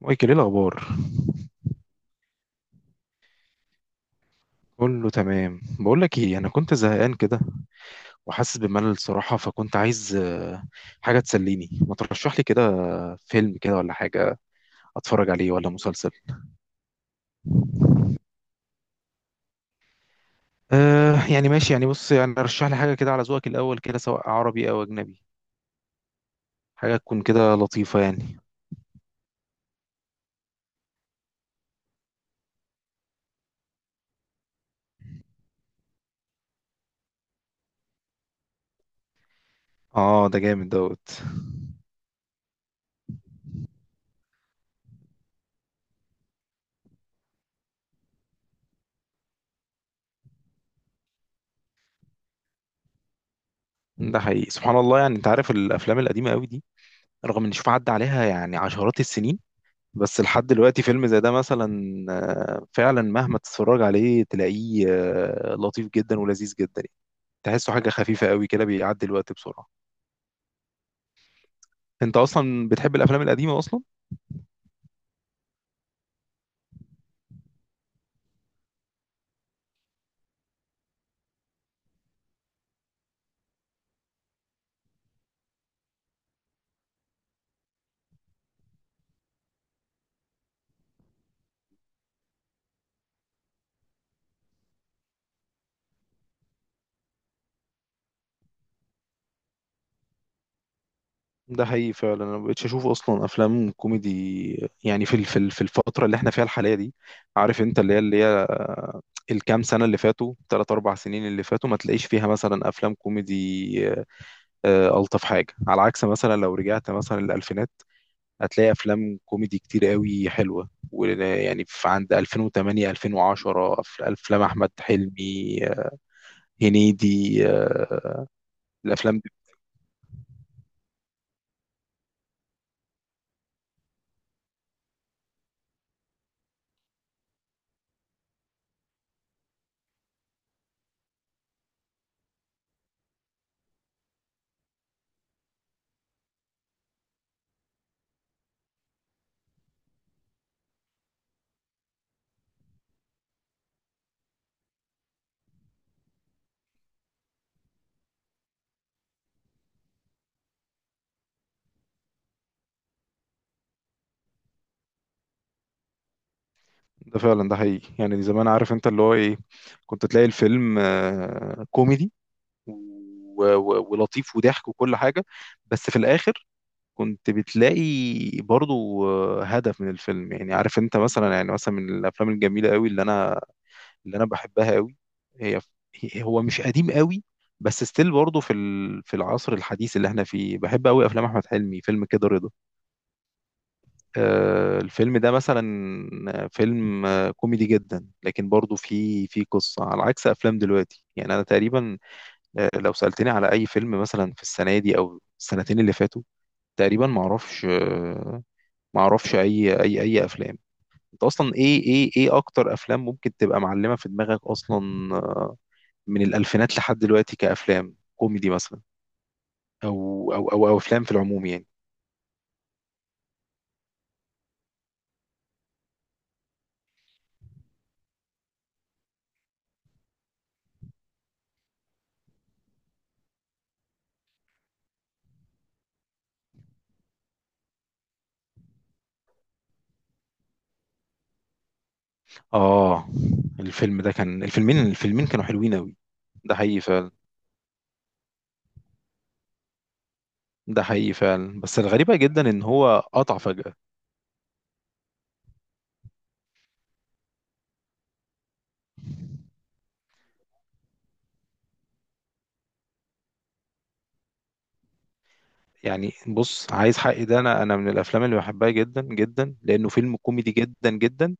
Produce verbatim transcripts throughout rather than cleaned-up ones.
مايكل، ايه الاخبار؟ كله تمام. بقول لك ايه، انا كنت زهقان كده وحاسس بملل الصراحه، فكنت عايز آه، حاجه تسليني. ما ترشح لي كده فيلم كده ولا حاجه اتفرج عليه، ولا مسلسل؟ آه يعني ماشي، يعني بص، يعني رشح لي حاجه كده على ذوقك الاول كده، سواء عربي او اجنبي. حاجه تكون كده لطيفه يعني. اه ده جامد دوت. ده حقيقي، سبحان الله، يعني انت عارف الافلام القديمه قوي دي رغم ان شوف عدى عليها يعني عشرات السنين، بس لحد دلوقتي فيلم زي ده مثلا، آه، فعلا مهما تتفرج عليه تلاقيه آه، لطيف جدا ولذيذ جدا يعني. تحسه حاجة خفيفة قوي كده، بيعدي الوقت بسرعة. انت اصلا بتحب الافلام القديمة اصلا؟ ده حقيقي فعلا. انا مبقتش اشوف اصلا افلام كوميدي يعني في ال- في ال- في الفترة اللي احنا فيها الحالية دي. عارف انت، اللي هي اللي هي الكام سنة اللي فاتوا، ثلاث اربع سنين اللي فاتوا، ما تلاقيش فيها مثلا افلام كوميدي آه، آه، الطف حاجة على عكس مثلا لو رجعت مثلا للالفينات، هتلاقي افلام كوميدي كتير قوي حلوه، ويعني في عند ألفين وثمانية الفين وعشرة أف- افلام احمد حلمي آه، هنيدي آه، الافلام دي. ده فعلا، ده حقيقي يعني. زمان عارف انت اللي هو ايه، كنت تلاقي الفيلم آه، كوميدي و- و- ولطيف وضحك وكل حاجه، بس في الاخر كنت بتلاقي برضو آه، هدف من الفيلم. يعني عارف انت مثلا، يعني مثلا من الافلام الجميله قوي اللي انا، اللي انا بحبها قوي، هي هي- هو مش قديم قوي بس ستيل برضه في ال- في العصر الحديث اللي احنا فيه، بحب قوي افلام احمد حلمي، فيلم كده رضا آه، الفيلم ده مثلا فيلم آه، كوميدي جدا، لكن برضه فيه فيه قصة على عكس افلام دلوقتي. يعني انا تقريبا آه، لو سألتني على اي فيلم مثلا في السنة دي او السنتين اللي فاتوا، تقريبا ما اعرفش آه، ما اعرفش اي اي اي افلام. انت اصلا ايه ايه ايه اكتر افلام ممكن تبقى معلمة في دماغك اصلا من الألفينات لحد دلوقتي كأفلام كوميدي مثلا؟ أو أو أو, أو أفلام في العموم يعني. آه، الفيلم ده كان، الفيلمين الفيلمين كانوا حلوين أوي. ده حقيقي فعلا، ده حقيقي فعلا، بس الغريبة جدا إن هو قطع فجأة. يعني بص، عايز حقي ده، انا انا من الافلام اللي بحبها جدا جدا، لانه فيلم كوميدي جدا جدا.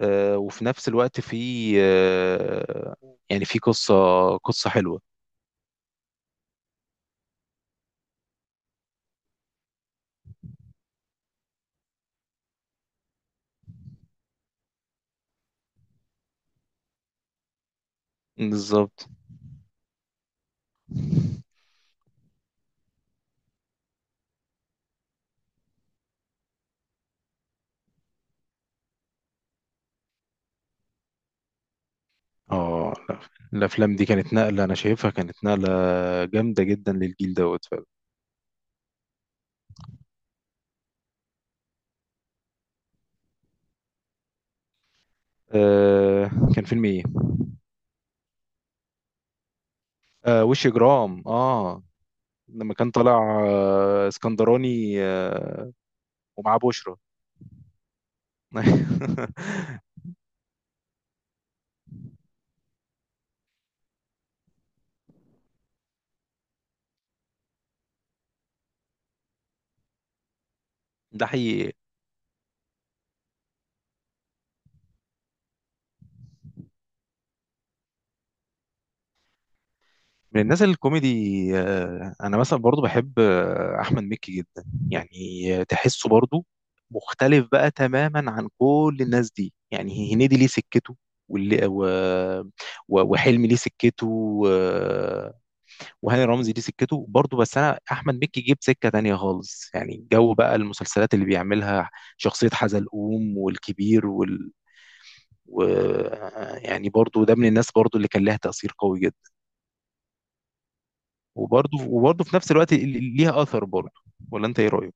آه وفي نفس الوقت فيه آه، يعني فيه قصه، قصه حلوه. بالظبط. اه لا، الافلام دي كانت نقله، انا شايفها كانت نقله جامده جدا للجيل دوت فعلا. آه كان فيلم ايه؟ آه وش جرام اه. لما كان طالع آه اسكندراني آه، ومعاه بشرى. ده حقيقي. من الناس الكوميدي آه، انا مثلا برضو بحب آه، احمد مكي جدا يعني. آه، تحسه برضو مختلف بقى تماما عن كل الناس دي. يعني هنيدي ليه سكته، واللي و... و- وحلمي ليه سكته، و- وهاني رمزي ليه سكته برضو، بس انا احمد مكي جيب سكة تانية خالص يعني. الجو بقى، المسلسلات اللي بيعملها، شخصية حزلقوم والكبير وال و... يعني برضو ده من الناس برضو اللي كان لها تأثير قوي جدا. وبرضه وبرضه في نفس الوقت ال- ال- ليها اثر برضه. ولا انت ايه رايك؟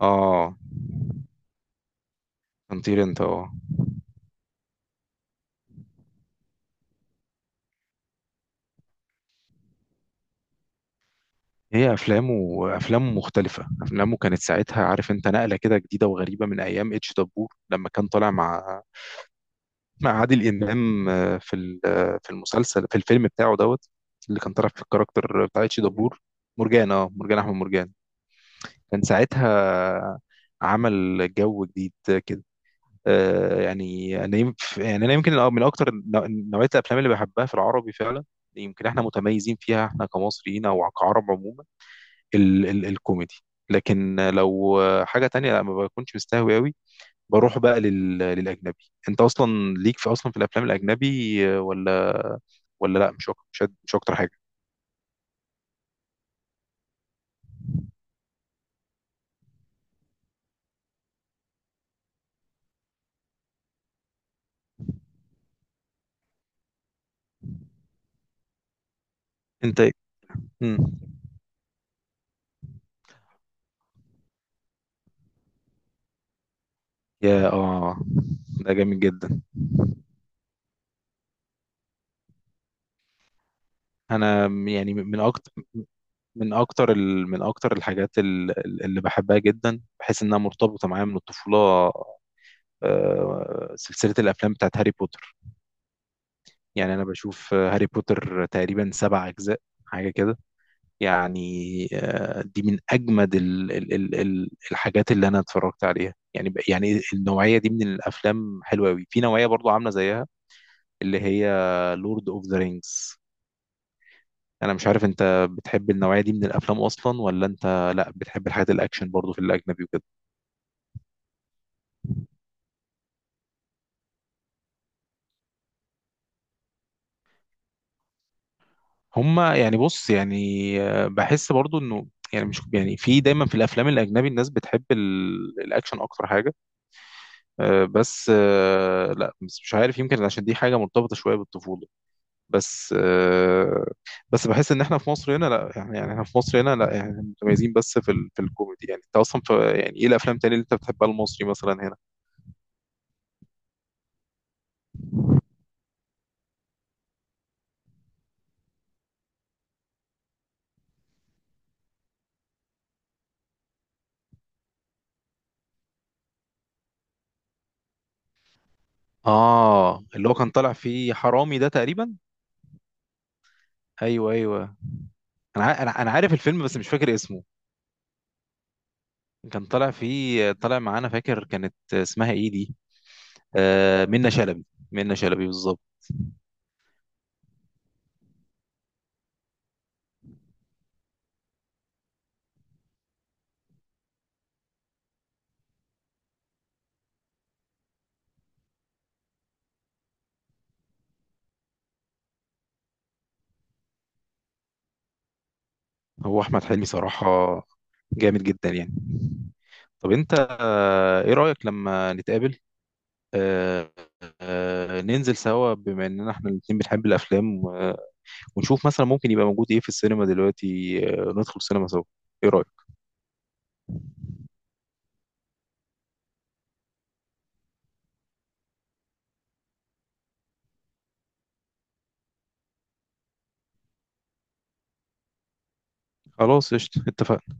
اه هنطير انت اه. هي افلامه، افلامه مختلفه. افلامه كانت ساعتها عارف انت نقله كده جديده وغريبه، من ايام اتش دبور لما كان طالع مع، مع عادل امام آه، في ال- آه، في المسلسل، في الفيلم بتاعه دوت، اللي كان طالع في الكاركتر بتاع اتش دبور، مرجان. اه مرجان، احمد مرجان. كان ساعتها عمل جو جديد كده. آه، يعني انا يمكن، يعني انا يمكن من اكتر نوع- نوعيه الافلام اللي بحبها في العربي فعلا، يمكن احنا متميزين فيها احنا كمصريين او كعرب عموما، ال ال الكوميدي. لكن لو حاجه تانية، لا ما بكونش مستهوي قوي. بروح بقى لل للاجنبي. انت اصلا ليك في اصلا في الافلام الاجنبي آه، ولا؟ ولا لا، مش أك- مش أد- مش اكتر حاجه. انت مم. يا اه، ده جامد جدا. انا يعني من اكتر، من اكتر ال... من اكتر الحاجات ال- ال- اللي بحبها جدا، بحس انها مرتبطه معايا من الطفوله، آه، سلسله الافلام بتاعت هاري بوتر. يعني انا بشوف آه، هاري بوتر تقريبا سبع اجزاء حاجه كده يعني. آه، دي من اجمد ال... ال... ال... ال- الحاجات اللي انا اتفرجت عليها يعني. ب... يعني النوعيه دي من الافلام حلوه قوي، في نوعيه برضو عامله زيها اللي هي لورد اوف ذا رينجز. انا مش عارف، انت بتحب النوعيه دي من الافلام اصلا، ولا انت لا بتحب الحاجات الاكشن برضو في الاجنبي وكده؟ هما يعني بص يعني آه، بحس برضو انه، يعني مش يعني في دايما في الافلام الاجنبي الناس بتحب ال- الاكشن اكتر حاجه. آه، بس آه، لا بس مش عارف، يمكن عشان دي حاجه مرتبطه شويه بالطفوله. بس آه، بس بحس ان احنا في مصر هنا لا يعني، يعني احنا في مصر هنا لا يعني متميزين بس في ال- في الكوميدي يعني. انت اصلا في، يعني ايه الافلام تاني اللي انت بتحبها المصري مثلا هنا؟ اه اللي هو كان طالع فيه حرامي ده تقريبا. ايوه ايوه. انا ع- انا أنا عارف الفيلم بس مش فاكر اسمه. كان طالع فيه، طالع معانا، فاكر كانت اسمها ايه دي؟ آه منة شلبي، منة شلبي بالظبط. هو احمد حلمي صراحة جامد جدا يعني. طب انت آه، ايه رأيك لما نتقابل آه آه، ننزل سوا بما اننا احنا الاتنين بنحب الافلام و- آه، ونشوف مثلا ممكن يبقى موجود ايه في السينما دلوقتي، آه ندخل السينما سوا. ايه رأيك؟ خلاص قشطة اتفقنا.